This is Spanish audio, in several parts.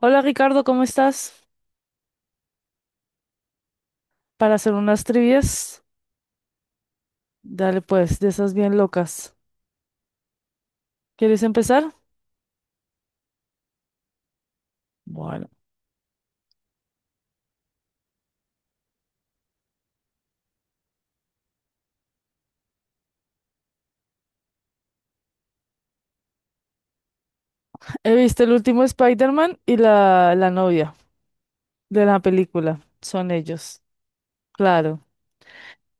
Hola Ricardo, ¿cómo estás? Para hacer unas trivias, dale pues, de esas bien locas. ¿Quieres empezar? Bueno, he visto el último Spider-Man y la novia de la película. Son ellos, claro.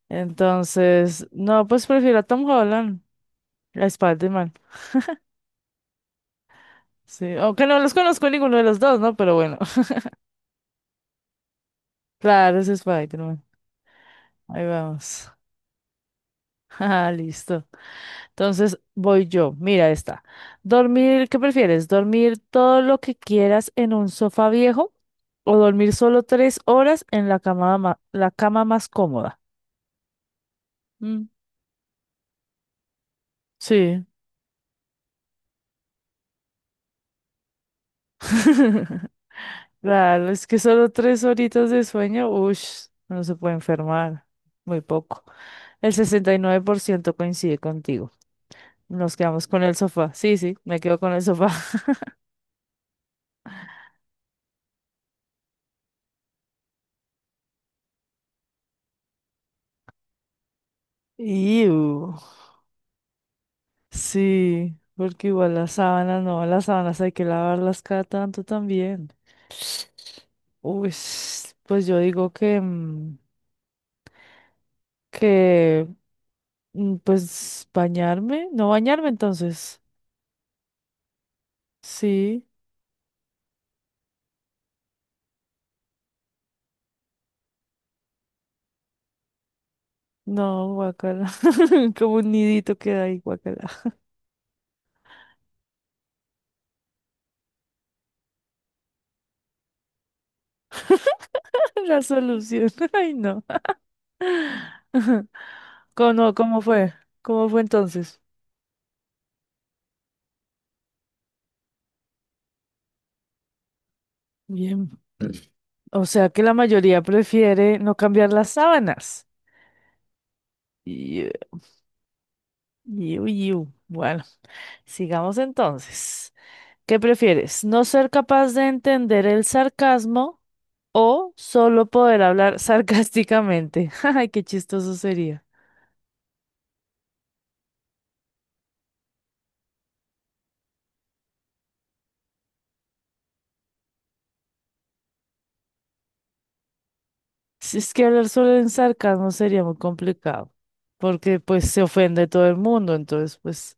Entonces, no, pues prefiero a Tom Holland, a Spider-Man. Sí, aunque no los conozco ninguno de los dos, ¿no? Pero bueno, claro, es Spider-Man. Ahí vamos. Ah, listo. Entonces voy yo. Mira esta. Dormir, ¿qué prefieres? ¿Dormir todo lo que quieras en un sofá viejo o dormir solo tres horas en la cama, la cama más cómoda? Mm, sí. Claro, es que solo tres horitas de sueño, uff, no se puede enfermar. Muy poco. El 69% coincide contigo. Nos quedamos con el sofá. Sí, sí, me quedo con el sofá. Iu. Sí, porque igual las sábanas, no, las sábanas hay que lavarlas cada tanto también. Uy, pues yo digo que, que, pues bañarme, no bañarme entonces. Sí, no, guacala, como un nidito queda ahí, guacala. La solución, ay no. ¿Cómo, cómo fue? ¿Cómo fue entonces? Bien. O sea que la mayoría prefiere no cambiar las sábanas. Iu, iu, iu. Bueno. Sigamos entonces. ¿Qué prefieres? ¿No ser capaz de entender el sarcasmo o solo poder hablar sarcásticamente? Ay, qué chistoso sería. Si es que hablar solo en sarcasmo sería muy complicado, porque pues se ofende todo el mundo, entonces pues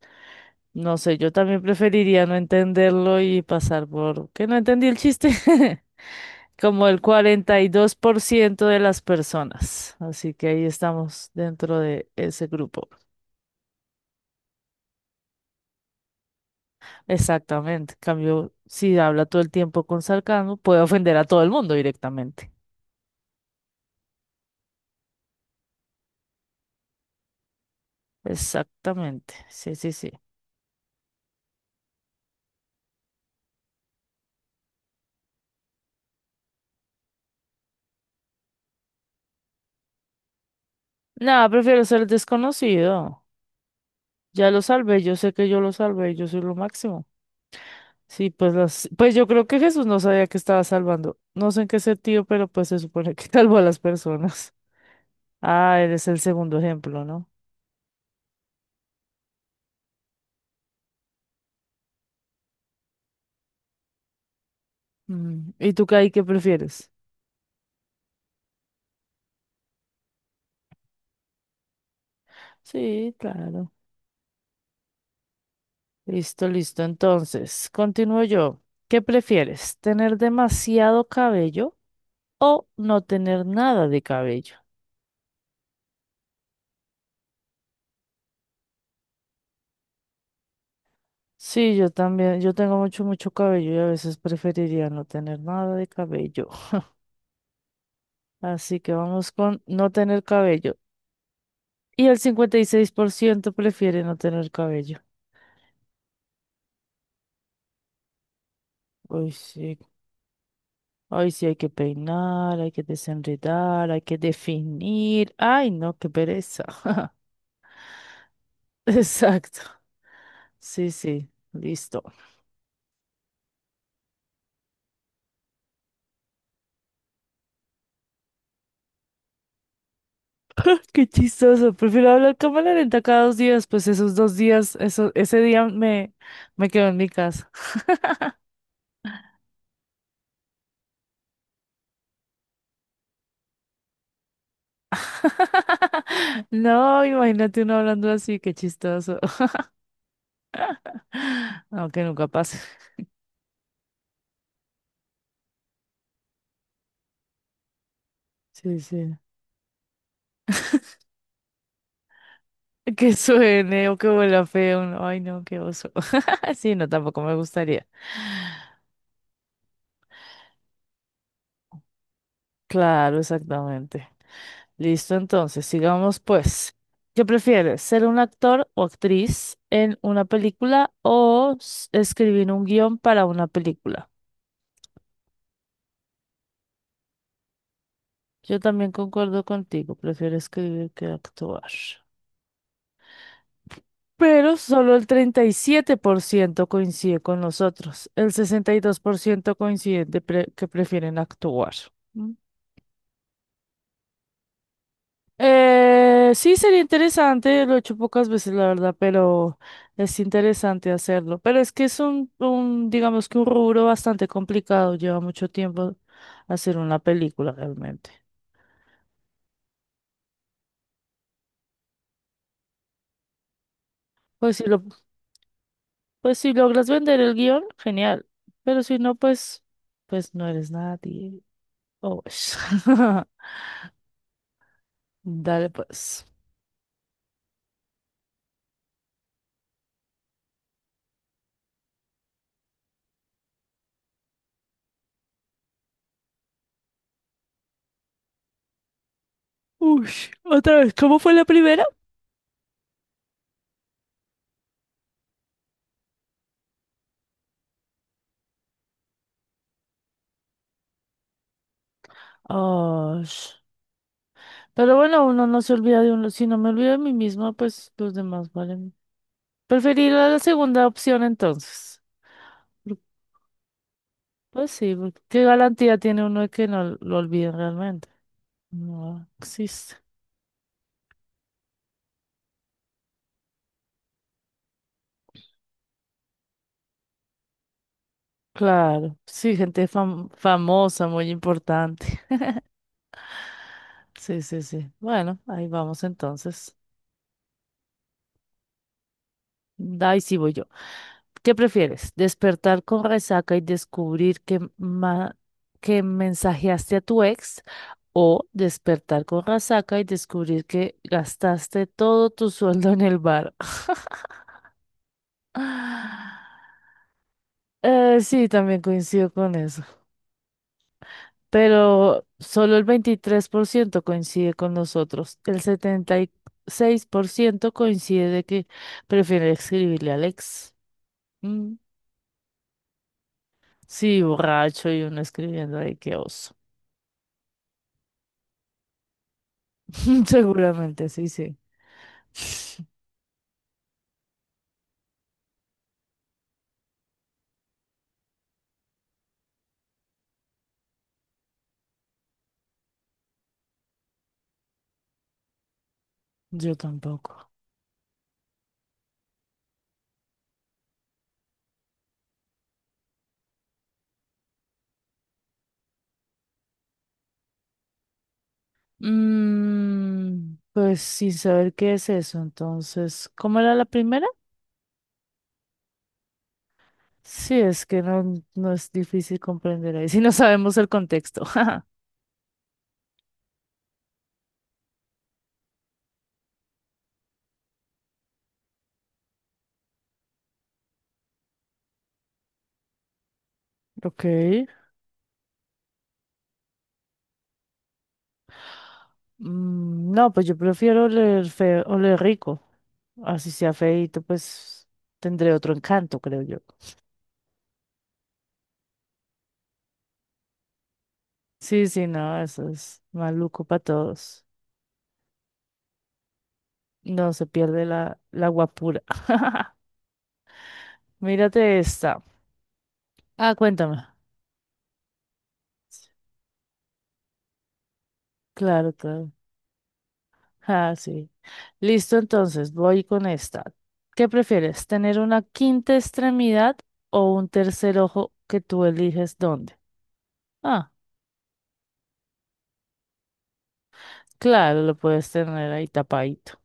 no sé, yo también preferiría no entenderlo y pasar por que no entendí el chiste, como el cuarenta y dos por ciento de las personas. Así que ahí estamos dentro de ese grupo. Exactamente. En cambio, si habla todo el tiempo con sarcasmo, puede ofender a todo el mundo directamente. Exactamente. Sí, sí, sí. Nada, prefiero ser desconocido. Ya lo salvé, yo sé que yo lo salvé, yo soy lo máximo. Sí, pues las, pues yo creo que Jesús no sabía que estaba salvando. No sé en qué sentido, pero pues se supone que salvó a las personas. Ah, eres el segundo ejemplo, ¿no? Mm, ¿y tú, Kai, qué prefieres? Sí, claro. Listo, listo. Entonces, continúo yo. ¿Qué prefieres? ¿Tener demasiado cabello o no tener nada de cabello? Sí, yo también. Yo tengo mucho, mucho cabello y a veces preferiría no tener nada de cabello. Así que vamos con no tener cabello. Y el 56% prefiere no tener cabello. Uy, sí. Ay, sí, hay que peinar, hay que desenredar, hay que definir. Ay, no, qué pereza. Exacto. Sí, sí, listo. Qué chistoso, prefiero hablar cámara lenta cada dos días, pues esos dos días, eso, ese día me, me quedo en mi casa. No, imagínate uno hablando así, qué chistoso. Aunque nunca pase. Sí, sí. Que suene o que huela feo. No, ay, no, qué oso. Sí, no, tampoco me gustaría. Claro, exactamente. Listo, entonces, sigamos pues. ¿Qué prefieres, ser un actor o actriz en una película o escribir un guión para una película? Yo también concuerdo contigo, prefiero escribir que actuar. Pero solo el treinta y siete por ciento coincide con nosotros, el 62% coincide de que prefieren actuar. Sí, sería interesante, lo he hecho pocas veces, la verdad, pero es interesante hacerlo. Pero es que es un, digamos que un rubro bastante complicado, lleva mucho tiempo hacer una película realmente. Pues si lo, pues si logras vender el guión, genial. Pero si no, pues, pues no eres nadie. Oh, pues. Dale pues. Uy, otra vez, ¿cómo fue la primera? Oh, pero bueno, uno no se olvida de uno. Si no me olvido de mí misma, pues los demás valen. Preferiría la segunda opción entonces. Pues sí, porque ¿qué garantía tiene uno de que no lo olviden realmente? No existe. Claro, sí, famosa, muy importante. Sí, sí, sí. Bueno, ahí vamos entonces. Ahí sí voy yo. ¿Qué prefieres? ¿Despertar con resaca y descubrir que mensajeaste a tu ex? ¿O despertar con resaca y descubrir que gastaste todo tu sueldo en el bar? Sí, también coincido con eso, pero solo el 23% coincide con nosotros. El 76% coincide de que prefiere escribirle a Alex. Mm, Sí, borracho y uno escribiendo ahí, qué oso. Seguramente, sí, sí. Yo tampoco. Pues sin saber qué es eso, entonces, ¿cómo era la primera? Sí, es que no, no es difícil comprender ahí, si no sabemos el contexto. Ok. No, pues yo prefiero oler feo, oler rico. Así sea feíto, pues tendré otro encanto, creo yo. Sí, sí, no, eso es maluco para todos. No se pierde la guapura. Mírate esta. Ah, cuéntame. Claro, claro. Ah, sí. Listo, entonces, voy con esta. ¿Qué prefieres? ¿Tener una quinta extremidad o un tercer ojo que tú eliges dónde? Ah, claro, lo puedes tener ahí tapadito.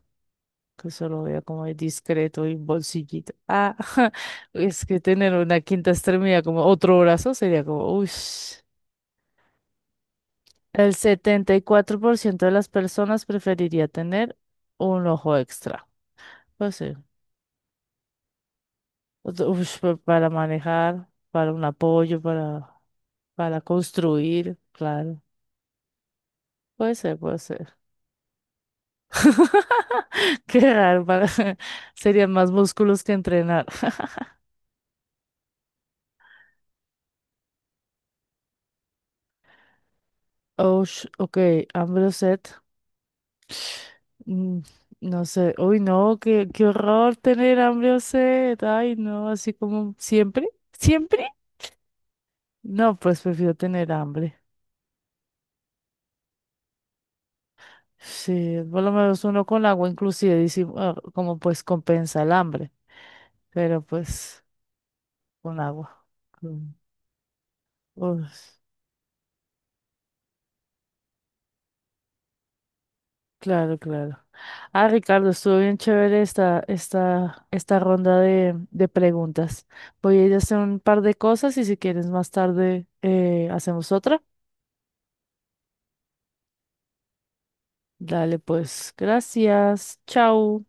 Que solo vea como es discreto y bolsillito. Ah, es que tener una quinta extremidad como otro brazo sería como, uy. El 74% de las personas preferiría tener un ojo extra. Pues sí. Otro- ush, para manejar, para un apoyo, para construir, claro. Puede ser, puede ser. Qué raro, para- serían más músculos que entrenar. Ush, ok, hambre o sed. Mm, No sé, uy, no, qué, qué horror tener hambre o sed, ay, no, así como siempre, siempre. No, pues prefiero tener hambre. Sí, por lo menos uno con agua inclusive, dice, ah, como pues compensa el hambre, pero pues con agua. Mm. Uy, claro, claro. Ah, Ricardo, estuvo bien chévere esta ronda de preguntas. Voy a ir a hacer un par de cosas y si quieres más tarde hacemos otra. Dale, pues, gracias. Chao.